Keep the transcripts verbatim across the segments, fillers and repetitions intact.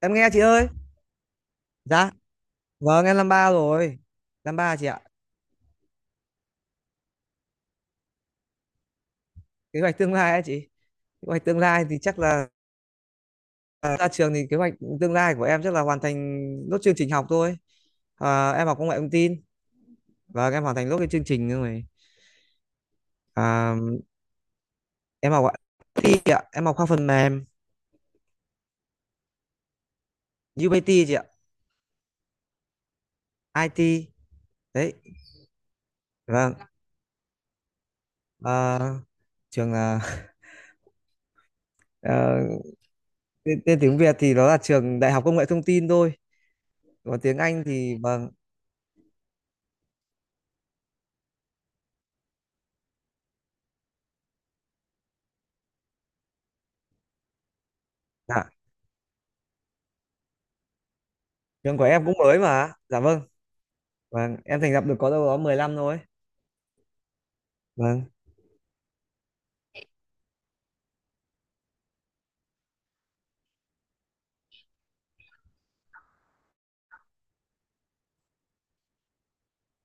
Em nghe chị ơi. Dạ, vâng, em năm ba rồi. Năm ba chị ạ. Kế hoạch tương lai ấy chị? Kế hoạch tương lai thì chắc là à, ra trường thì kế hoạch tương lai của em chắc là hoàn thành nốt chương trình học thôi. à, em học công nghệ thông tin và em hoàn thành nốt cái chương trình rồi. à, em học i tê chị ạ, em học khoa phần mềm. u bê tê chị ạ. i tê đấy, vâng. à, trường là ờ, tên, tên tiếng Việt thì nó là trường Đại học Công nghệ Thông tin thôi, còn tiếng Anh thì vâng. Dạ, trường của em cũng mới mà, dạ vâng. Vâng, em thành lập được có đâu đó mười lăm rồi. Vâng.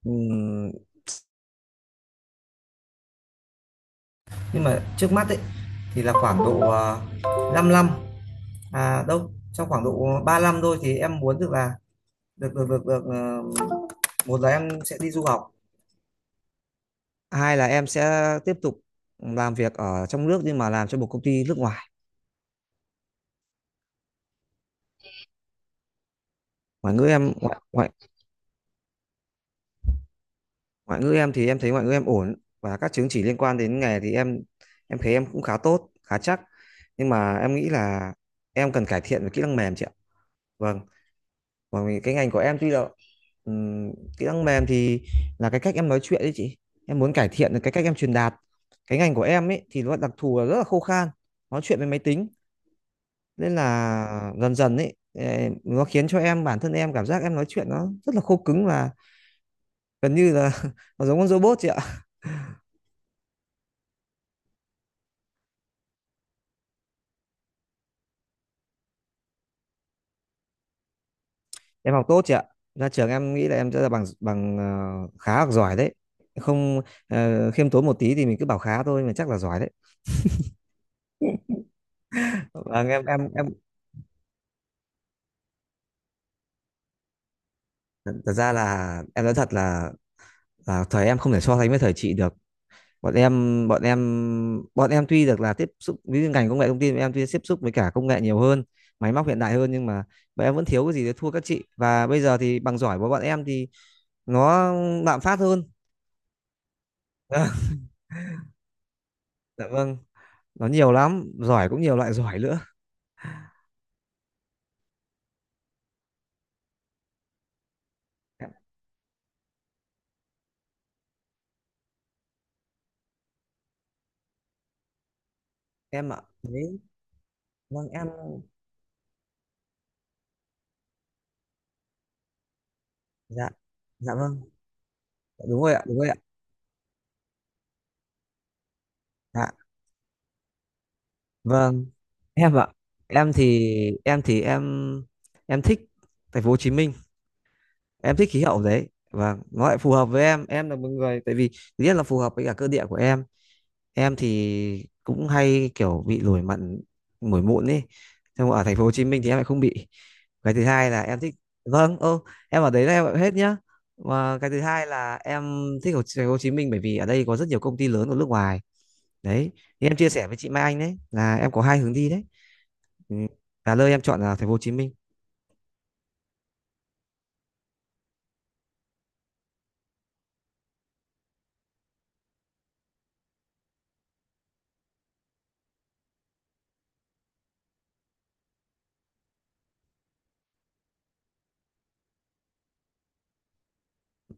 Ừm, nhưng mà trước mắt ấy thì là khoảng độ uh, 5 năm, à đâu trong khoảng độ ba năm thôi, thì em muốn được là được được được được ờ, một là em sẽ đi du học, hai là em sẽ tiếp tục làm việc ở trong nước nhưng mà làm cho một công ty nước ngoài. Ngoại ngữ em ngoại ngoại ngoại ngữ em thì em thấy ngoại ngữ em ổn, và các chứng chỉ liên quan đến nghề thì em em thấy em cũng khá tốt, khá chắc. Nhưng mà em nghĩ là em cần cải thiện về kỹ năng mềm chị ạ. Vâng. Còn vì cái ngành của em tuy là ừm, kỹ năng mềm thì là cái cách em nói chuyện đấy chị. Em muốn cải thiện được cái cách em truyền đạt. Cái ngành của em ấy thì nó đặc thù là rất là khô khan, nói chuyện với máy tính, nên là dần dần ấy eh, nó khiến cho em bản thân em cảm giác em nói chuyện nó rất là khô cứng và gần như là nó giống con robot chị ạ. Em học tốt chị ạ. Ra trường em nghĩ là em sẽ là bằng bằng ờ, khá hoặc giỏi đấy. Không ờ, khiêm tốn một tí thì mình cứ bảo khá thôi mà chắc là giỏi đấy. Vâng em em em thật ra là em nói thật là à, thời em không thể so sánh với thời chị được. Bọn em bọn em bọn em tuy được là tiếp xúc với ngành công nghệ thông tin, bọn em tuy tiếp xúc với cả công nghệ nhiều hơn, máy móc hiện đại hơn, nhưng mà bọn em vẫn thiếu cái gì để thua các chị. Và bây giờ thì bằng giỏi của bọn em thì nó lạm phát hơn. Dạ vâng, nó nhiều lắm, giỏi cũng nhiều loại giỏi nữa. Em, em ạ. Đấy, vâng em, dạ. Dạ vâng, đúng rồi ạ, đúng rồi ạ. Dạ, vâng, em ạ. Em thì em thì em em thích thành phố Hồ Chí Minh. Em thích khí hậu đấy và nó lại phù hợp với em em là một người, tại vì thứ nhất là phù hợp với cả cơ địa của em em thì cũng hay kiểu bị nổi mẩn nổi mụn ấy, nhưng mà ở thành phố Hồ Chí Minh thì em lại không bị. Cái thứ hai là em thích, vâng, ô em ở đấy là em ở hết nhá. Và cái thứ hai là em thích ở thành phố Hồ Chí Minh bởi vì ở đây có rất nhiều công ty lớn ở nước ngoài đấy, thì em chia sẻ với chị Mai Anh đấy là em có hai hướng đi đấy. Ừ, là nơi em chọn là thành phố Hồ Chí Minh.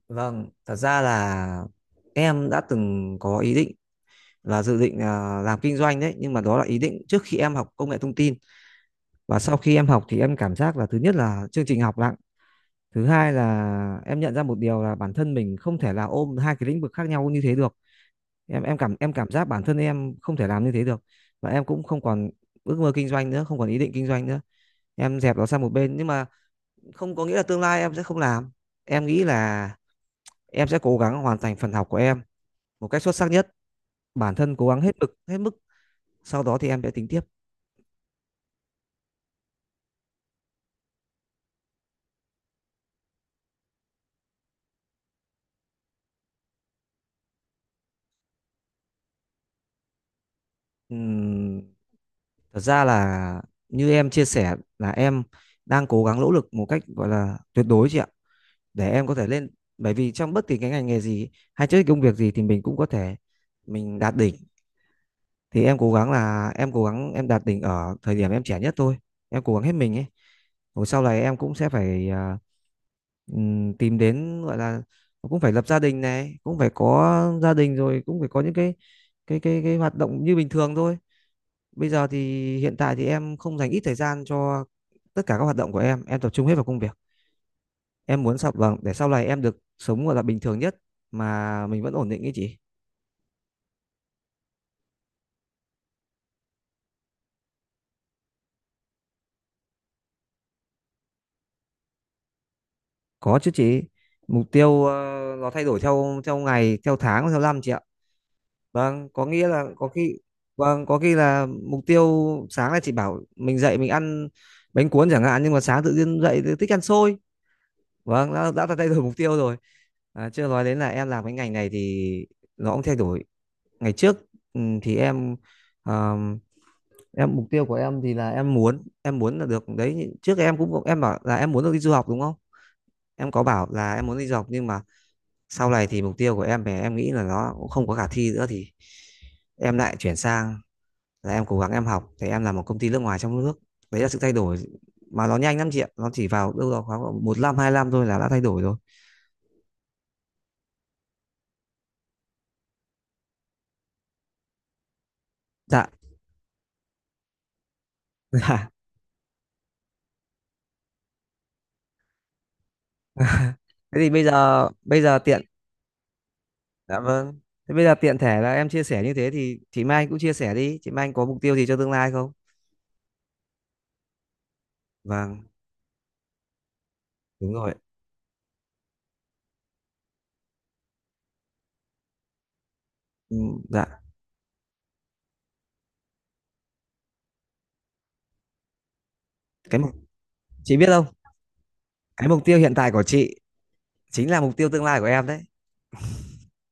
Vâng, thật ra là em đã từng có ý định là dự định à, làm kinh doanh đấy, nhưng mà đó là ý định trước khi em học công nghệ thông tin. Và sau khi em học thì em cảm giác là thứ nhất là chương trình học nặng, thứ hai là em nhận ra một điều là bản thân mình không thể là ôm hai cái lĩnh vực khác nhau như thế được. em em cảm em cảm giác bản thân em không thể làm như thế được. Và em cũng không còn ước mơ kinh doanh nữa, không còn ý định kinh doanh nữa, em dẹp nó sang một bên, nhưng mà không có nghĩa là tương lai em sẽ không làm. Em nghĩ là em sẽ cố gắng hoàn thành phần học của em một cách xuất sắc nhất, bản thân cố gắng hết lực hết mức. Sau đó thì em sẽ tính tiếp. Ừm, thật ra là như em chia sẻ là em đang cố gắng nỗ lực một cách gọi là tuyệt đối chị ạ, để em có thể lên, bởi vì trong bất kỳ cái ngành nghề gì hay trước công việc gì thì mình cũng có thể mình đạt đỉnh, thì em cố gắng là em cố gắng em đạt đỉnh ở thời điểm em trẻ nhất thôi, em cố gắng hết mình ấy, rồi sau này em cũng sẽ phải à, ừm, tìm đến gọi là cũng phải lập gia đình này, cũng phải có gia đình rồi cũng phải có những cái cái cái cái hoạt động như bình thường thôi. Bây giờ thì hiện tại thì em không dành ít thời gian cho tất cả các hoạt động của em, em tập trung hết vào công việc. Em muốn sau vâng để sau này em được sống gọi là bình thường nhất mà mình vẫn ổn định ý chị. Có chứ chị. Mục tiêu ờ, nó thay đổi theo theo ngày, theo tháng, theo năm chị ạ. Vâng, có nghĩa là có khi vâng, có khi là mục tiêu sáng là chị bảo mình dậy mình ăn bánh cuốn chẳng hạn, nhưng mà sáng tự nhiên dậy thì thích ăn xôi. Vâng, đã đã thay đổi mục tiêu rồi. À, chưa nói đến là em làm cái ngành này thì nó cũng thay đổi ngày trước. Ừ, thì em ờ, em mục tiêu của em thì là em muốn em muốn là được đấy, trước em cũng em bảo là em muốn được đi du học đúng không, em có bảo là em muốn đi du học, nhưng mà sau này thì mục tiêu của em về em nghĩ là nó cũng không có khả thi nữa, thì em lại chuyển sang là em cố gắng em học thì em làm một công ty nước ngoài trong nước. Đấy là sự thay đổi mà nó nhanh lắm chị ạ, nó chỉ vào đâu đó khoảng một năm hai năm thôi là đã thay đổi rồi. Dạ. Thế thì bây giờ bây giờ tiện. Dạ vâng. Thế bây giờ tiện thể là em chia sẻ như thế thì chị Mai Anh cũng chia sẻ đi. Chị Mai Anh có mục tiêu gì cho tương lai không? Vâng, đúng rồi. Ừ, dạ. Cái mục, chị biết không? Cái mục tiêu hiện tại của chị chính là mục tiêu tương lai của em đấy.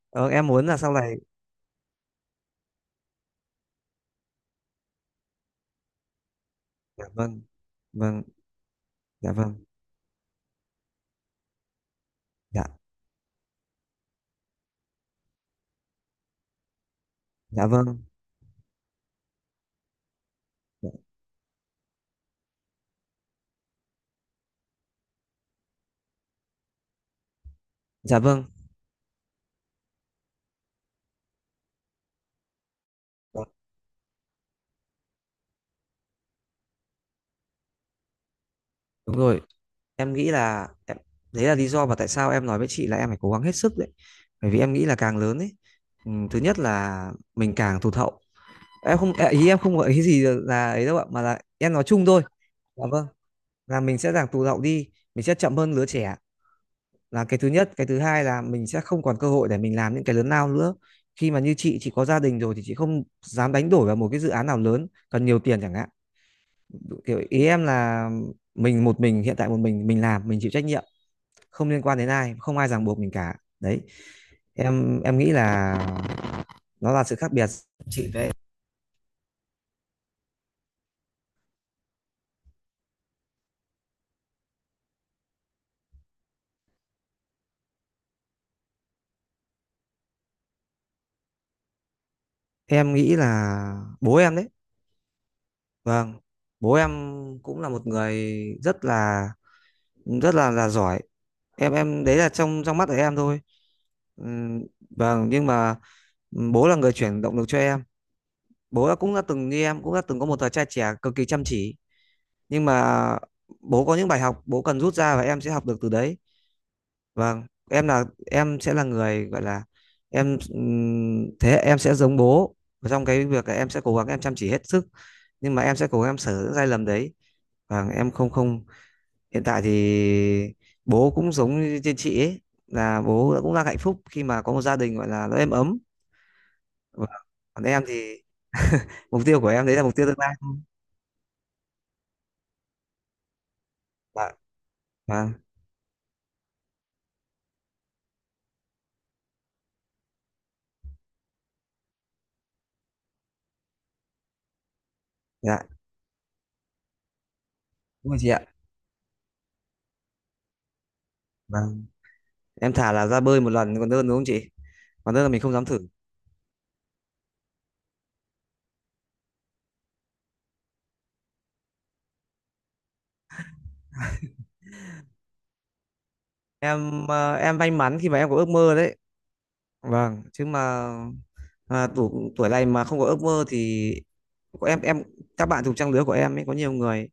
Ờ, em muốn là sau này. Dạ vâng. Vâng. Dạ vâng. Dạ. Dạ vâng. Dạ, dạ vâng. Dạ, đúng rồi. Em nghĩ là em, đấy là lý do mà tại sao em nói với chị là em phải cố gắng hết sức đấy. Bởi vì em nghĩ là càng lớn ấy, ừ, thứ nhất là mình càng tụt hậu. Em không à, ý em không gợi ý gì là ấy đâu ạ, mà là em nói chung thôi, dạ vâng, là mình sẽ giảm tụt hậu đi, mình sẽ chậm hơn lứa trẻ, là cái thứ nhất. Cái thứ hai là mình sẽ không còn cơ hội để mình làm những cái lớn lao nữa, khi mà như chị chị có gia đình rồi thì chị không dám đánh đổi vào một cái dự án nào lớn cần nhiều tiền chẳng hạn. Kiểu ý em là mình một mình, hiện tại một mình mình làm mình chịu trách nhiệm, không liên quan đến ai, không ai ràng buộc mình cả đấy. Em em nghĩ là nó là sự khác biệt chị đấy. Em nghĩ là bố em đấy. Vâng, bố em cũng là một người rất là rất là là giỏi. Em em đấy là trong trong mắt của em thôi. Ừm, vâng, nhưng mà bố là người chuyển động lực cho em. Bố đã cũng đã từng như em, cũng đã từng có một thời trai trẻ cực kỳ chăm chỉ. Nhưng mà bố có những bài học bố cần rút ra và em sẽ học được từ đấy. Vâng, em là em sẽ là người gọi là em, ừm, thế em sẽ giống bố. Và trong cái việc là em sẽ cố gắng em chăm chỉ hết sức, nhưng mà em sẽ cố gắng em sửa những sai lầm đấy. Vâng, em không không hiện tại thì bố cũng giống như trên chị ấy là bố cũng đang hạnh phúc khi mà có một gia đình gọi là nó êm ấm. Vâng. Còn em thì mục tiêu của em đấy là mục tiêu tương lai thôi. Vâng, vâng, dạ, đúng rồi chị ạ. Vâng, em thả là ra bơi một lần còn hơn đúng không chị? Còn hơn là mình không dám thử. em ờ, em may mắn khi mà em có ước mơ đấy. Vâng, chứ mà à, tuổi tuổi này mà không có ước mơ thì có em em các bạn cùng trang lứa của em ấy có nhiều người,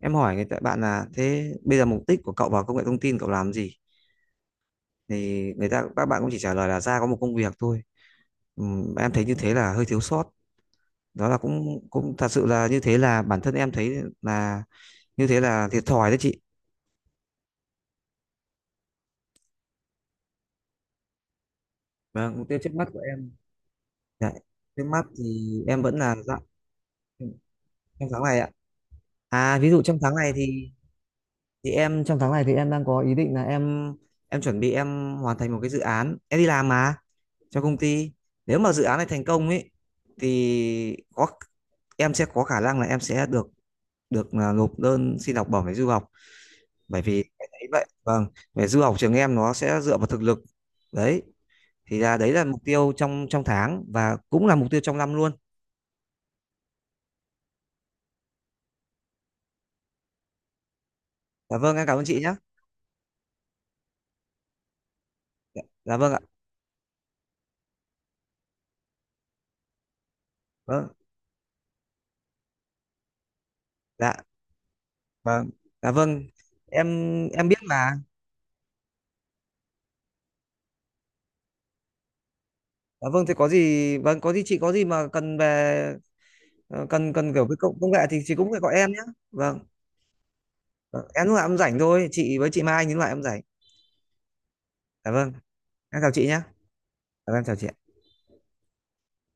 em hỏi người ta bạn là thế bây giờ mục đích của cậu vào công nghệ thông tin cậu làm gì, thì người ta các bạn cũng chỉ trả lời là ra có một công việc thôi. Ừm, em thấy như thế là hơi thiếu sót, đó là cũng cũng thật sự là như thế, là bản thân em thấy là như thế là thiệt thòi đấy chị. Vâng, mục tiêu trước mắt của em đấy. Trước mắt thì em vẫn là, dạ, trong tháng này ạ? À, ví dụ trong tháng này thì thì em trong tháng này thì em đang có ý định là em em chuẩn bị em hoàn thành một cái dự án em đi làm mà cho công ty, nếu mà dự án này thành công ấy thì có em sẽ có khả năng là em sẽ được được là nộp đơn xin học bổng để du học, bởi vì em thấy vậy, vâng, về du học trường em nó sẽ dựa vào thực lực đấy, thì là đấy là mục tiêu trong trong tháng và cũng là mục tiêu trong năm luôn. Dạ vâng, em cảm ơn chị nhé. Dạ vâng ạ. Vâng, dạ. Vâng, dạ vâng, em em biết mà. Dạ vâng, thế có gì, vâng, có gì chị có gì mà cần về ờ, cần cần kiểu cái công công nghệ thì chị cũng phải gọi em nhé. Vâng, vâng, em lúc nào em rảnh thôi, chị với chị Mai những lúc em rảnh. Dạ vâng, em chào chị nhé. Dạ vâng, em chào chị.